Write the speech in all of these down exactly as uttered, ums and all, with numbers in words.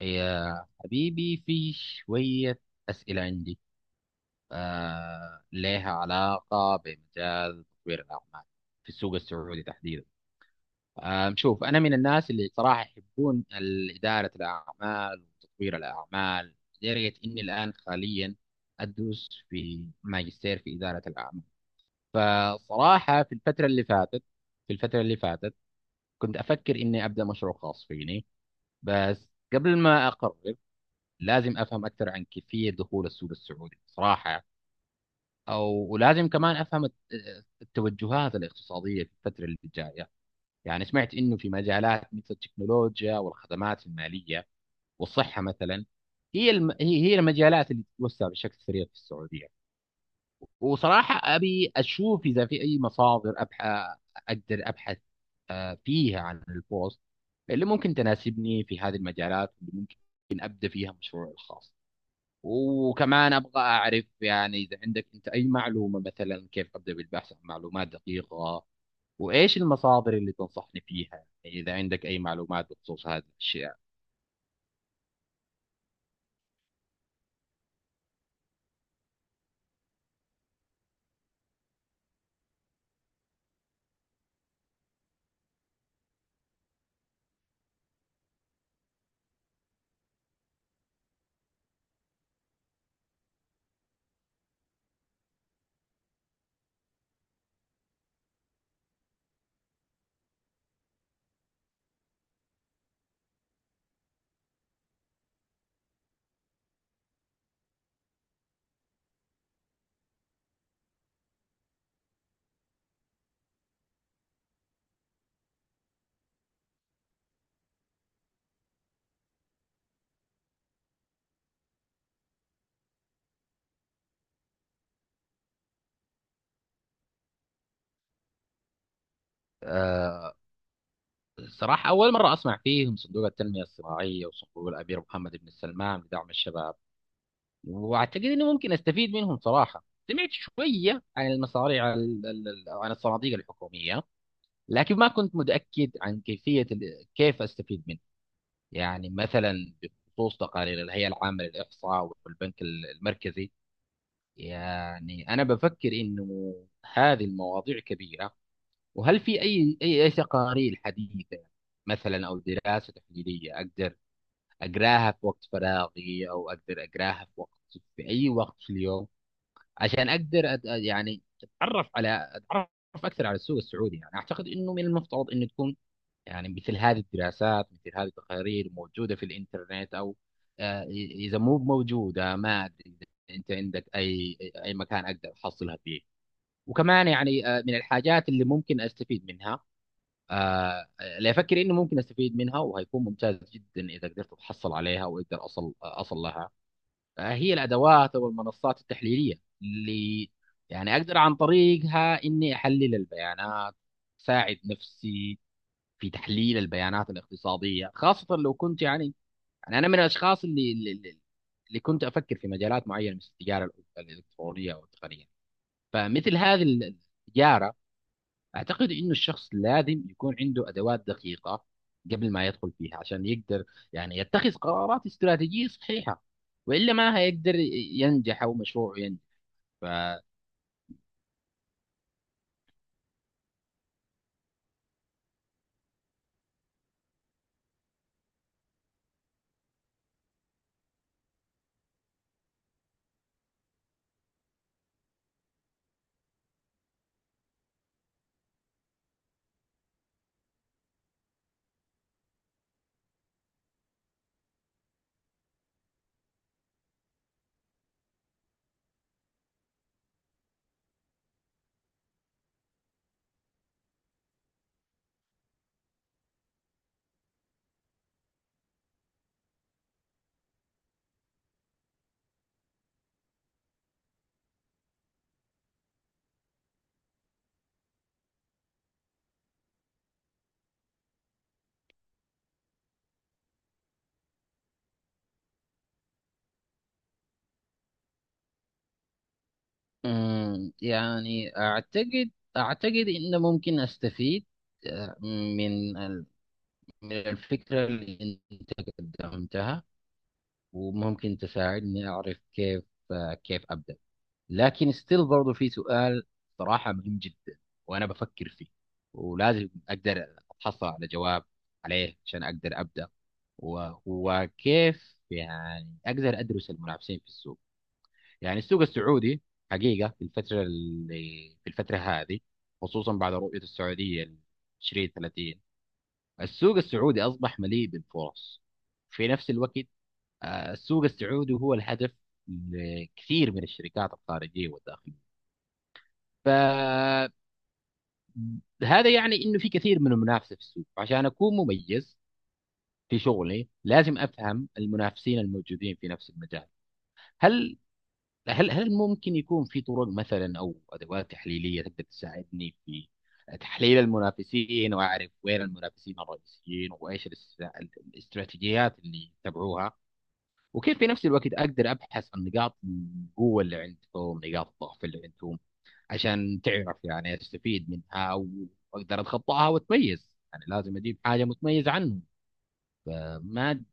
يا حبيبي، في شوية أسئلة عندي، آه لها علاقة بمجال تطوير الأعمال في السوق السعودي تحديدا. آه شوف، أنا من الناس اللي صراحة يحبون ال- إدارة الأعمال وتطوير الأعمال، لدرجة إني الآن حاليا أدرس في ماجستير في إدارة الأعمال. فصراحة في الفترة اللي فاتت في الفترة اللي فاتت كنت أفكر إني أبدأ مشروع خاص فيني. بس قبل ما أقرر لازم افهم اكثر عن كيفيه دخول السوق السعودي صراحه يعني. او ولازم كمان افهم الت- التوجهات الاقتصاديه في الفتره اللي جايه. يعني سمعت انه في مجالات مثل التكنولوجيا والخدمات الماليه والصحه مثلا. هي الم... هي هي المجالات اللي تتوسع بشكل سريع في السعوديه. وصراحه ابي اشوف اذا في اي مصادر ابحث اقدر ابحث آه، فيها عن البوست اللي ممكن تناسبني في هذه المجالات، واللي ممكن ابدا فيها مشروعي الخاص. وكمان ابغى اعرف يعني اذا عندك انت اي معلومه، مثلا كيف ابدا بالبحث عن معلومات دقيقه، وايش المصادر اللي تنصحني فيها اذا عندك اي معلومات بخصوص هذه الاشياء. أه صراحه اول مره اسمع فيهم صندوق التنميه الصناعيه وصندوق الامير محمد بن سلمان لدعم الشباب، واعتقد اني ممكن استفيد منهم صراحه. سمعت شويه عن المصاريع ال- ال- ال- عن الصناديق الحكوميه، لكن ما كنت متاكد عن كيفيه ال- كيف استفيد منها. يعني مثلا بخصوص تقارير الهيئة العامة للإحصاء والبنك المركزي، يعني أنا بفكر إنه هذه المواضيع كبيرة، وهل في أي أي أي تقارير حديثة مثلا أو دراسة تحليلية أقدر أقراها في وقت فراغي، أو أقدر أقراها في وقت، في أي وقت في اليوم، عشان أقدر أت- يعني أتعرف على أتعرف أكثر على السوق السعودي. يعني أعتقد إنه من المفترض إنه تكون، يعني مثل هذه الدراسات مثل هذه التقارير موجودة في الإنترنت أو آه، إذا مو موجودة ما أدري إذا أنت عندك أي أي مكان أقدر أحصلها فيه. وكمان يعني، آه، من الحاجات اللي ممكن أستفيد منها، آه، اللي أفكر إنه ممكن أستفيد منها وهيكون ممتاز جدا إذا قدرت أتحصل عليها وأقدر أصل أصل لها، آه، هي الأدوات أو المنصات التحليلية اللي يعني أقدر عن طريقها إني أحلل البيانات، ساعد نفسي في تحليل البيانات الاقتصادية، خاصة لو كنت يعني، يعني أنا من الأشخاص اللي اللي, اللي اللي كنت أفكر في مجالات معينة مثل التجارة الأ- الإلكترونية أو التقنية، فمثل هذه ال- التجارة أعتقد إنه الشخص لازم يكون عنده أدوات دقيقة قبل ما يدخل فيها عشان يقدر يعني يتخذ قرارات استراتيجية صحيحة، وإلا ما هيقدر ينجح أو مشروعه ينجح. ف أمم، يعني أعتقد أعتقد إنه ممكن أستفيد آه، من من الفكرة اللي أنت قدمتها، وممكن تساعدني أعرف كيف كيف أبدأ. لكن ستيل برضو في سؤال صراحة مهم جدا وأنا بفكر فيه، ولازم أقدر أتحصل على جواب عليه عشان أقدر أبدأ، وهو كيف يعني أقدر أدرس المنافسين في السوق. يعني السوق السعودي حقيقة في الفترة اللي في الفترة هذه، خصوصا بعد رؤية السعودية عشرين ثلاثين، السوق السعودي أصبح مليء بالفرص. في نفس الوقت آه، السوق السعودي هو الهدف لكثير من الشركات الخارجية والداخلية، فهذا يعني أنه في كثير من المنافسة في السوق. عشان أكون مميز في شغلي لازم أفهم المنافسين الموجودين في نفس المجال. هل هل هل ممكن يكون في طرق مثلا أو أدوات تحليلية تقدر تساعدني في تحليل المنافسين، وأعرف وين المنافسين الرئيسيين وإيش الاست- الاستراتيجيات اللي يتبعوها، وكيف في نفس الوقت اقدر ابحث عن نقاط القوه اللي عندهم، نقاط الضعف اللي عندهم، عشان تعرف يعني استفيد منها واقدر اتخطاها واتميز. يعني لازم اجيب حاجه متميز عنهم. فما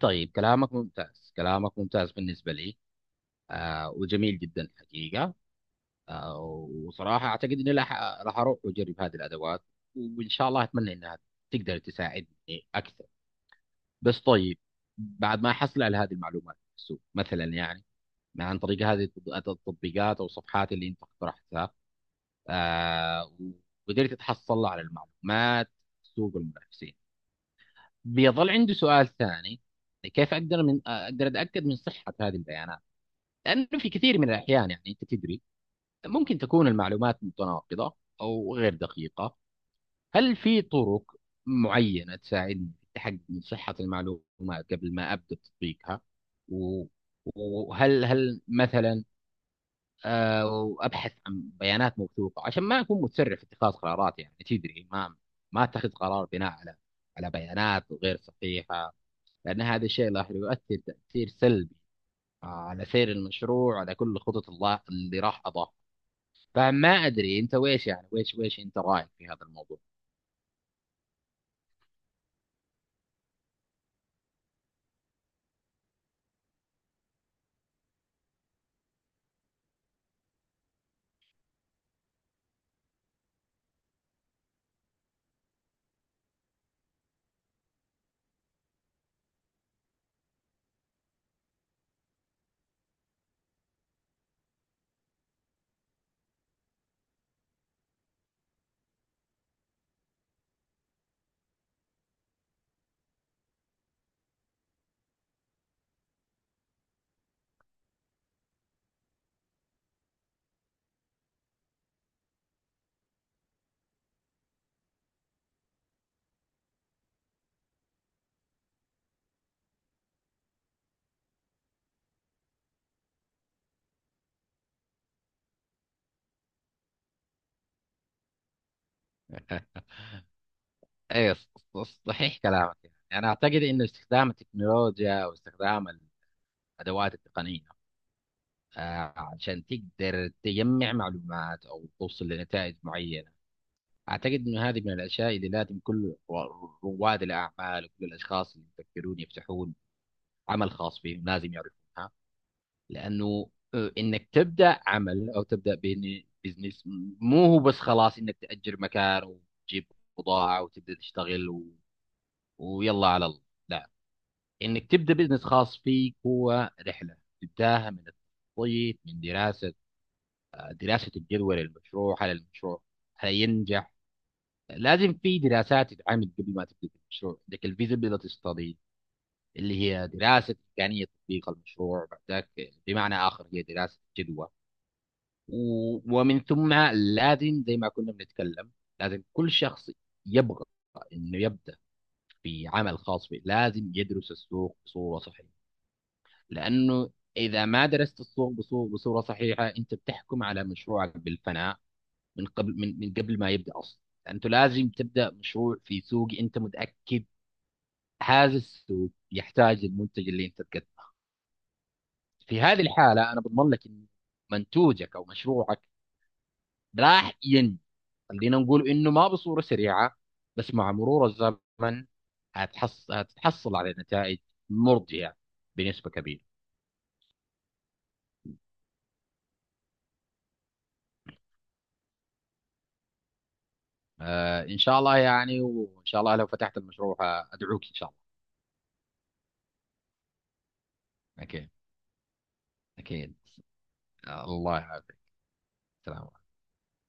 طيب، كلامك ممتاز كلامك ممتاز بالنسبه لي آه وجميل جدا حقيقه. آه وصراحه اعتقد اني راح راح اروح واجرب هذه الادوات، وان شاء الله اتمنى انها تقدر تساعدني اكثر. بس طيب، بعد ما احصل على هذه المعلومات في السوق مثلا، يعني يعني عن طريق هذه التط- التطبيقات او الصفحات اللي انت اقترحتها، آه وقدرت اتحصل على المعلومات، سوق المنافسين، بيظل عندي سؤال ثاني: كيف اقدر من اقدر اتاكد من صحه هذه البيانات؟ لانه في كثير من الاحيان يعني انت تدري ممكن تكون المعلومات متناقضه او غير دقيقه. هل في طرق معينه تساعدني في التحقق من صحه المعلومات قبل ما ابدا تطبيقها؟ و- وهل هل مثلا آه، وابحث عن بيانات موثوقه عشان ما اكون مسرع في اتخاذ قرارات، يعني تدري ما ما اتخذ قرار بناء على على بيانات غير صحيحه، لان هذا الشيء راح يؤثر تاثير سلبي آه، على سير المشروع، على كل خطط الله اللي راح اضاف. فما ادري انت ويش يعني ويش ويش انت رايك في هذا الموضوع. اي ص- ص- صحيح كلامك. يعني انا اعتقد انه استخدام التكنولوجيا واستخدام الادوات التقنيه آه، عشان تقدر تجمع معلومات او توصل لنتائج معينه، أعتقد إنه هذه من الأشياء اللي لازم كل رو- رواد الأعمال وكل الأشخاص اللي يفكرون يفتحون عمل خاص بهم لازم يعرفونها. لأنه آه، إنك تبدأ عمل أو تبدأ بين- بزنس، مو هو بس خلاص إنك تأجر مكان وتجيب بضاعة وتبدأ تشتغل و... ويلا على الله، لا. إنك تبدأ بزنس خاص فيك هو رحلة، تبداها من التخطيط، من دراسة آه، دراسة الجدوى للمشروع، هل المشروع هينجح. لازم في دراسات تتعمل قبل ما تبدا المشروع، عندك الفيزابيلتي ستادي اللي هي دراسه امكانيه تطبيق المشروع، بعدك بمعنى اخر هي دراسه جدوى. و- ومن ثم لازم زي ما كنا بنتكلم لازم كل شخص يبغى انه يبدا في عمل خاص به لازم يدرس السوق بصوره صحيحه، لانه اذا ما درست السوق بصو- بصوره صحيحه انت بتحكم على مشروعك بالفناء من قبل، من من قبل ما يبدا اصلا. انت لازم تبدا مشروع في سوق انت متاكد هذا السوق يحتاج المنتج اللي انت تقدمه. في هذه الحاله انا بضمن لك ان منتوجك او مشروعك راح ينمو، خلينا نقول انه ما بصوره سريعه بس مع مرور الزمن هتحص... هتتحصل على نتائج مرضيه بنسبه كبيره. آه، ان شاء الله يعني، وان شاء الله لو فتحت المشروع ادعوك ان شاء الله. اكيد، اكيد. آه، الله يعافيك. سلام.